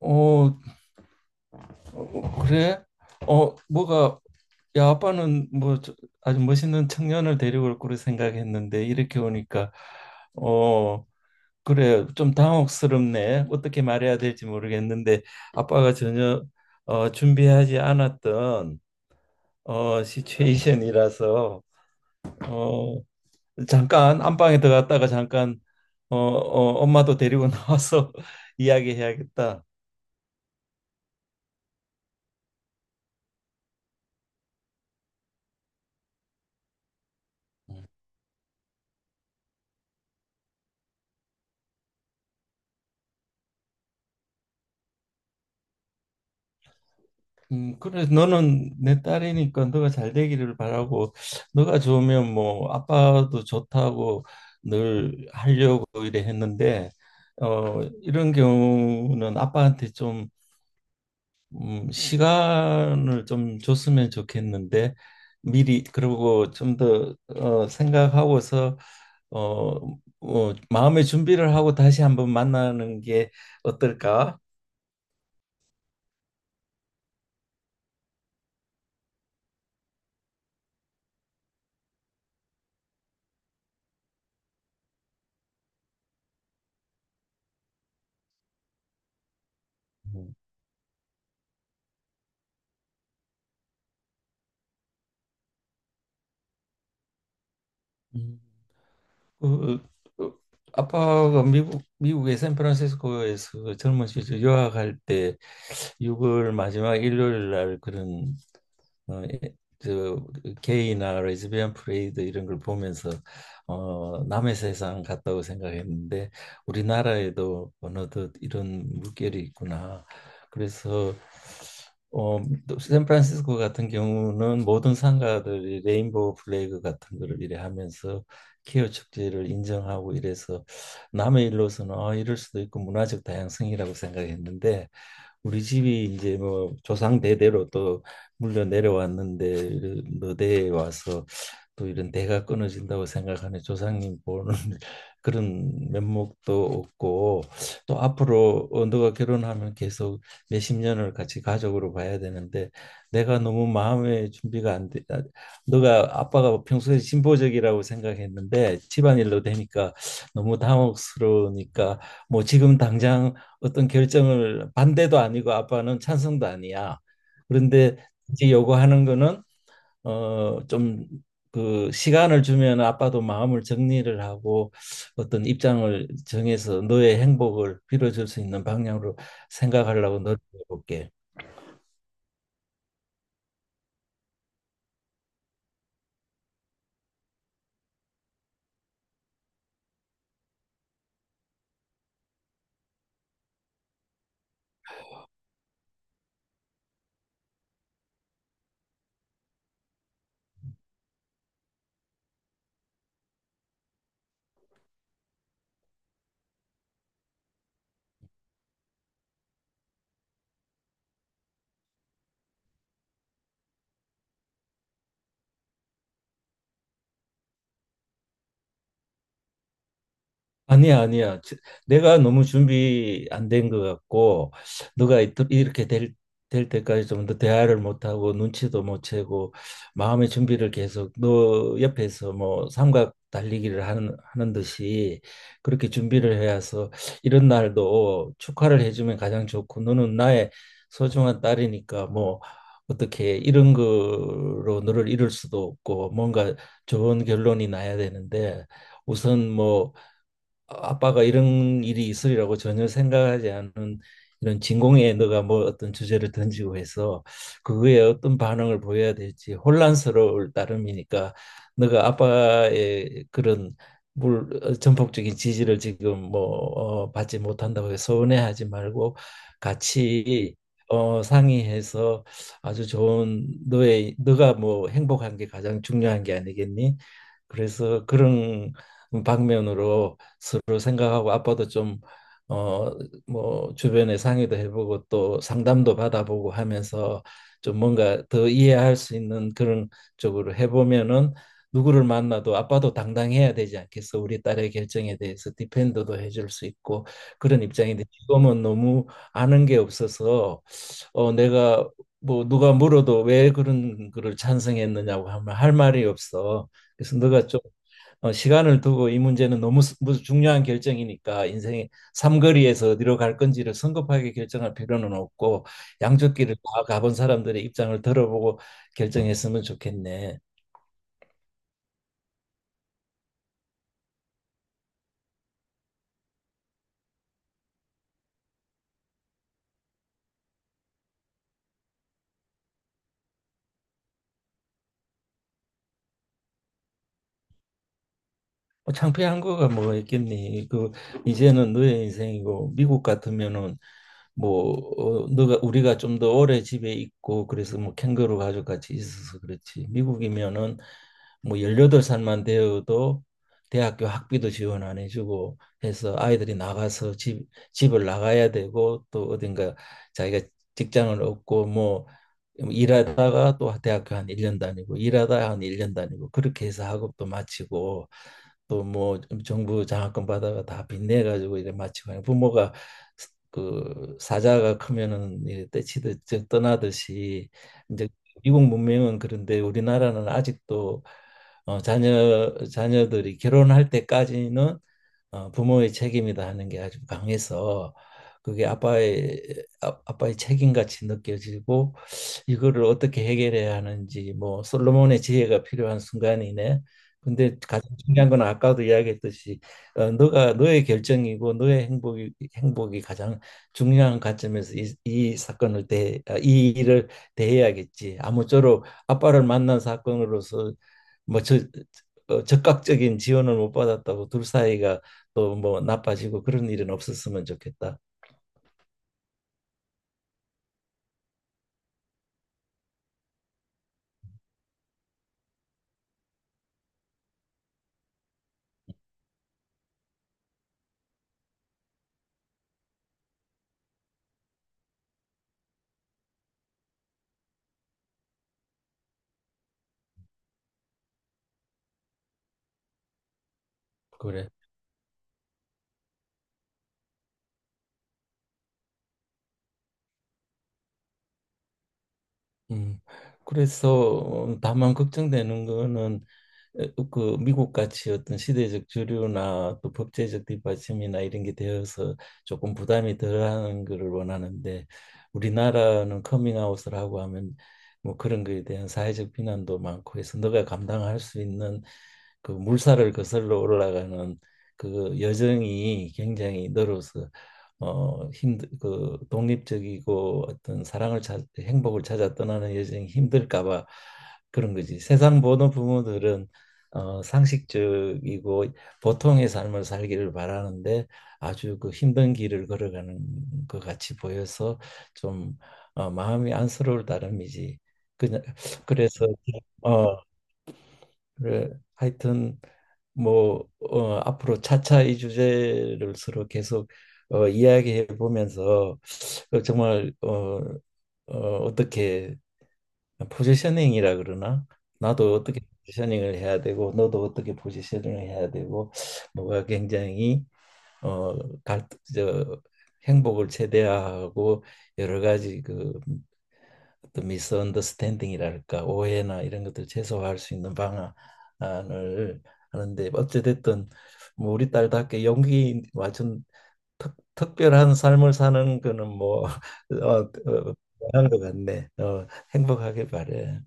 어, 그래? 뭐가, 야, 아빠는 뭐 아주 멋있는 청년을 데려올 거로 생각했는데 이렇게 오니까 어, 그래, 좀 당혹스럽네. 어떻게 말해야 될지 모르겠는데 아빠가 전혀 준비하지 않았던 시츄에이션이라서 어, 잠깐 안방에 들어갔다가 잠깐 엄마도 데리고 나와서 이야기해야겠다. 그래서 너는 내 딸이니까 너가 잘 되기를 바라고 너가 좋으면 뭐 아빠도 좋다고 늘 하려고 이래 했는데 이런 경우는 아빠한테 좀 시간을 좀 줬으면 좋겠는데 미리 그러고 좀 더 생각하고서 어, 마음의 준비를 하고 다시 한번 만나는 게 어떨까? 음. 그, 그 아빠가 미국의 샌프란시스코에서 그 젊은 시절 유학할 때 6월 마지막 일요일 날 그런 어, 예, 저 그 게이나 레즈비언 프레이드 이런 걸 보면서 남의 세상 같다고 생각했는데 우리나라에도 어느덧 이런 물결이 있구나. 그래서 어, 또 샌프란시스코 같은 경우는 모든 상가들이 레인보우 플래그 같은 거를 이래 하면서 케어 축제를 인정하고 이래서 남의 일로서는 아, 이럴 수도 있고 문화적 다양성이라고 생각했는데 우리 집이 이제 뭐 조상 대대로 또 물려 내려왔는데 너대에 와서 또 이런 대가 끊어진다고 생각하는 조상님 보는 그런 면목도 없고 또 앞으로 너가 결혼하면 계속 몇십 년을 같이 가족으로 봐야 되는데 내가 너무 마음의 준비가 안 돼. 아, 너가 아빠가 평소에 진보적이라고 생각했는데 집안일로 되니까 너무 당혹스러우니까 뭐 지금 당장 어떤 결정을 반대도 아니고 아빠는 찬성도 아니야. 그런데 이제 요구하는 거는 좀 그 시간을 주면 아빠도 마음을 정리를 하고 어떤 입장을 정해서 너의 행복을 빌어줄 수 있는 방향으로 생각하려고 노력해 볼게. 아니야, 아니야. 내가 너무 준비 안 된 것 같고, 너가 이렇게 될, 될 때까지 좀 더 대화를 못하고, 눈치도 못 채고, 마음의 준비를 계속 너 옆에서 뭐 삼각 달리기를 하는 듯이 그렇게 준비를 해서 이런 날도 축하를 해주면 가장 좋고, 너는 나의 소중한 딸이니까 뭐 어떻게 이런 거로 너를 잃을 수도 없고, 뭔가 좋은 결론이 나야 되는데, 우선 뭐 아빠가 이런 일이 있으리라고 전혀 생각하지 않은 이런 진공에 너가 뭐 어떤 주제를 던지고 해서 그거에 어떤 반응을 보여야 될지 혼란스러울 따름이니까 너가 아빠의 그런 전폭적인 지지를 지금 받지 못한다고 해서 서운해하지 말고 같이 상의해서 아주 좋은 너의 너가 뭐 행복한 게 가장 중요한 게 아니겠니? 그래서 그런 방면으로 서로 생각하고 아빠도 좀 어 뭐 주변에 상의도 해보고 또 상담도 받아보고 하면서 좀 뭔가 더 이해할 수 있는 그런 쪽으로 해보면은 누구를 만나도 아빠도 당당해야 되지 않겠어? 우리 딸의 결정에 대해서 디펜더도 해줄 수 있고. 그런 입장인데 지금은 너무 아는 게 없어서 내가 뭐 누가 물어도 왜 그런 거를 찬성했느냐고 하면 할 말이 없어. 그래서 너가 좀 시간을 두고 이 문제는 너무 무슨 중요한 결정이니까 인생의 삼거리에서 어디로 갈 건지를 성급하게 결정할 필요는 없고 양쪽 길을 다 가본 사람들의 입장을 들어보고 결정했으면 좋겠네. 뭐 창피한 거가 뭐가 있겠니? 그 이제는 너의 인생이고 미국 같으면은 뭐 너가 우리가 좀 더 오래 집에 있고 그래서 뭐 캥거루 가족 같이 있어서 그렇지. 미국이면은 뭐 18살만 되어도 대학교 학비도 지원 안 해주고 해서 아이들이 나가서 집을 나가야 되고 또 어딘가 자기가 직장을 얻고 뭐 일하다가 또 대학교 한 1년 다니고 일하다 한 1년 다니고 그렇게 해서 학업도 마치고 또 뭐 정부 장학금 받아가 다 빚내 가지고 이래 마치고 하는 부모가 그 사자가 크면은 이래 떼치듯 저 떠나듯이 이제 미국 문명은 그런데 우리나라는 아직도 자녀들이 결혼할 때까지는 부모의 책임이다 하는 게 아주 강해서 그게 아빠의 아빠의 책임 같이 느껴지고 이거를 어떻게 해결해야 하는지 뭐 솔로몬의 지혜가 필요한 순간이네. 근데 가장 중요한 건 아까도 이야기했듯이 너가 너의 결정이고 너의 행복이 가장 중요한 관점에서 이 사건을 대이 일을 대해야겠지. 아무쪼록 아빠를 만난 사건으로서 뭐 저, 적극적인 지원을 못 받았다고 둘 사이가 또 뭐 나빠지고 그런 일은 없었으면 좋겠다. 그래. 음. 그래서 다만 걱정되는 거는 그 미국 같이 어떤 시대적 주류나 또 법제적 뒷받침이나 이런 게 되어서 조금 부담이 덜하는 거를 원하는데 우리나라는 커밍아웃을 하고 하면 뭐 그런 거에 대한 사회적 비난도 많고 해서 너가 감당할 수 있는 그 물살을 거슬러 올라가는 그 여정이 굉장히 늘어서 힘들 그 독립적이고 어떤 사랑을 찾, 행복을 찾아 떠나는 여정이 힘들까 봐 그런 거지. 세상 모든 부모들은 상식적이고 보통의 삶을 살기를 바라는데 아주 그 힘든 길을 걸어가는 것 같이 보여서 좀 마음이 안쓰러울 따름이지. 그냥 그래서 어, 그래, 하여튼 앞으로 차차 이 주제를 서로 계속 이야기해 보면서 어, 정말 어, 어, 어떻게 포지셔닝이라 그러나, 나도 어떻게 포지셔닝을 해야 되고 너도 어떻게 포지셔닝을 해야 되고. 뭐가 굉장히 어, 갈, 저, 행복을 최대화하고 여러 가지 그 또 미스언더스탠딩이랄까 오해나 이런 것들 최소화할 수 있는 방안을 하는데 어찌됐든 뭐 우리 딸답게 용기 완전 특별한 삶을 사는 거는 한것 같네. 어, 행복하게 바래.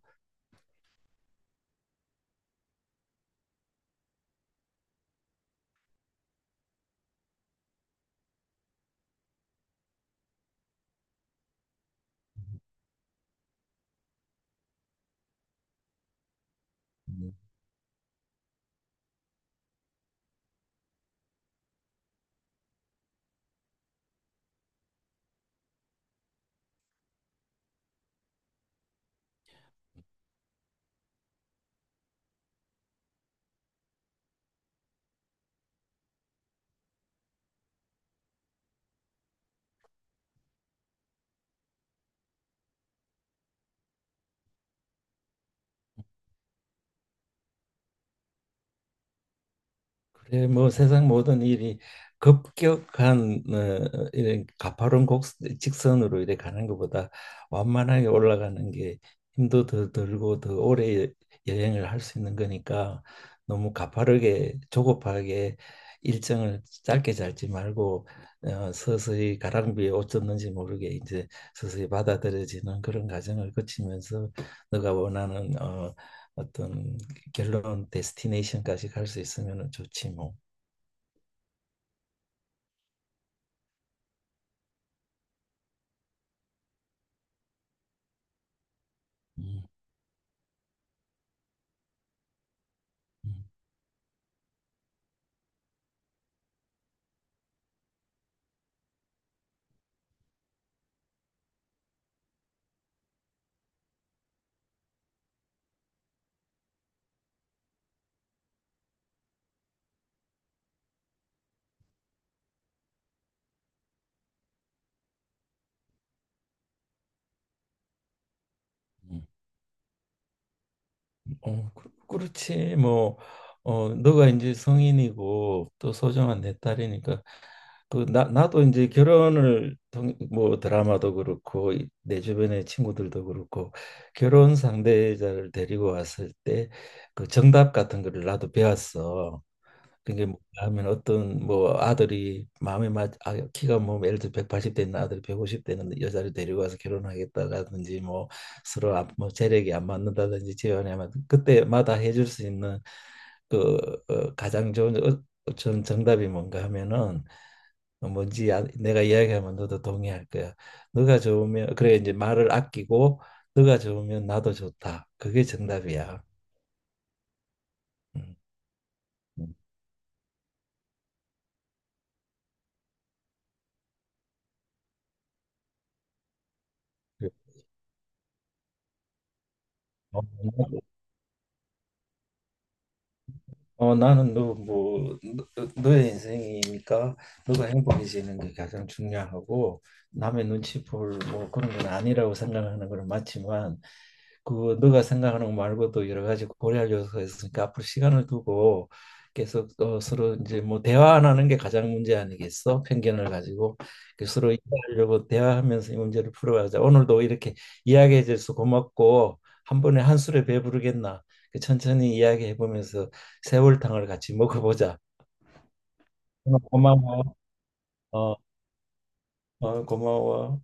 음. 그래 뭐 세상 모든 일이 급격한 이런 가파른 곡 직선으로 이렇게 가는 것보다 완만하게 올라가는 게 힘도 더 들고 더 오래 여행을 할 수 있는 거니까 너무 가파르게 조급하게 일정을 짧게 잡지 말고 서서히 가랑비에 옷 젖는지 모르게 이제 서서히 받아들여지는 그런 과정을 거치면서 너가 원하는 어, 어떤 결론 데스티네이션까지 갈 수 있으면 좋지 뭐. 음. 음. 음. 어, 그렇지 뭐. 어, 너가 이제 성인이고 또 소중한 내 딸이니까 나도 이제 결혼을 뭐 드라마도 그렇고 내 주변의 친구들도 그렇고 결혼 상대자를 데리고 왔을 때 그 정답 같은 거를 나도 배웠어. 그게 뭐냐 하면 어떤 뭐 아들이 키가 뭐 예를 들어 180있는 아들이 150있는 여자를 데리고 와서 결혼하겠다라든지 뭐 서로 뭐 재력이 안 맞는다든지 재혼이 면 그때마다 해줄 수 있는 그 가장 좋은 어, 전 정답이 뭔가 하면은 내가 이야기하면 너도 동의할 거야. 너가 좋으면 그래 이제 말을 아끼고, 너가 좋으면 나도 좋다. 그게 정답이야. 음. 음. 어, 나는 너의 인생이니까 너가 행복해지는 게 가장 중요하고 남의 눈치 볼 뭐 그런 건 아니라고 생각하는 건 맞지만 그 너가 생각하는 거 말고도 여러 가지 고려할 요소가 있으니까 앞으로 시간을 두고 계속 서로 이제 뭐 대화 안 하는 게 가장 문제 아니겠어? 편견을 가지고 그 서로 이해하려고 대화하면서 이 문제를 풀어가자. 오늘도 이렇게 이야기해 줘서 고맙고. 한 번에 한 술에 배부르겠나? 그 천천히 이야기해 보면서 세월탕을 같이 먹어보자. 어, 고마워. 어, 고마워.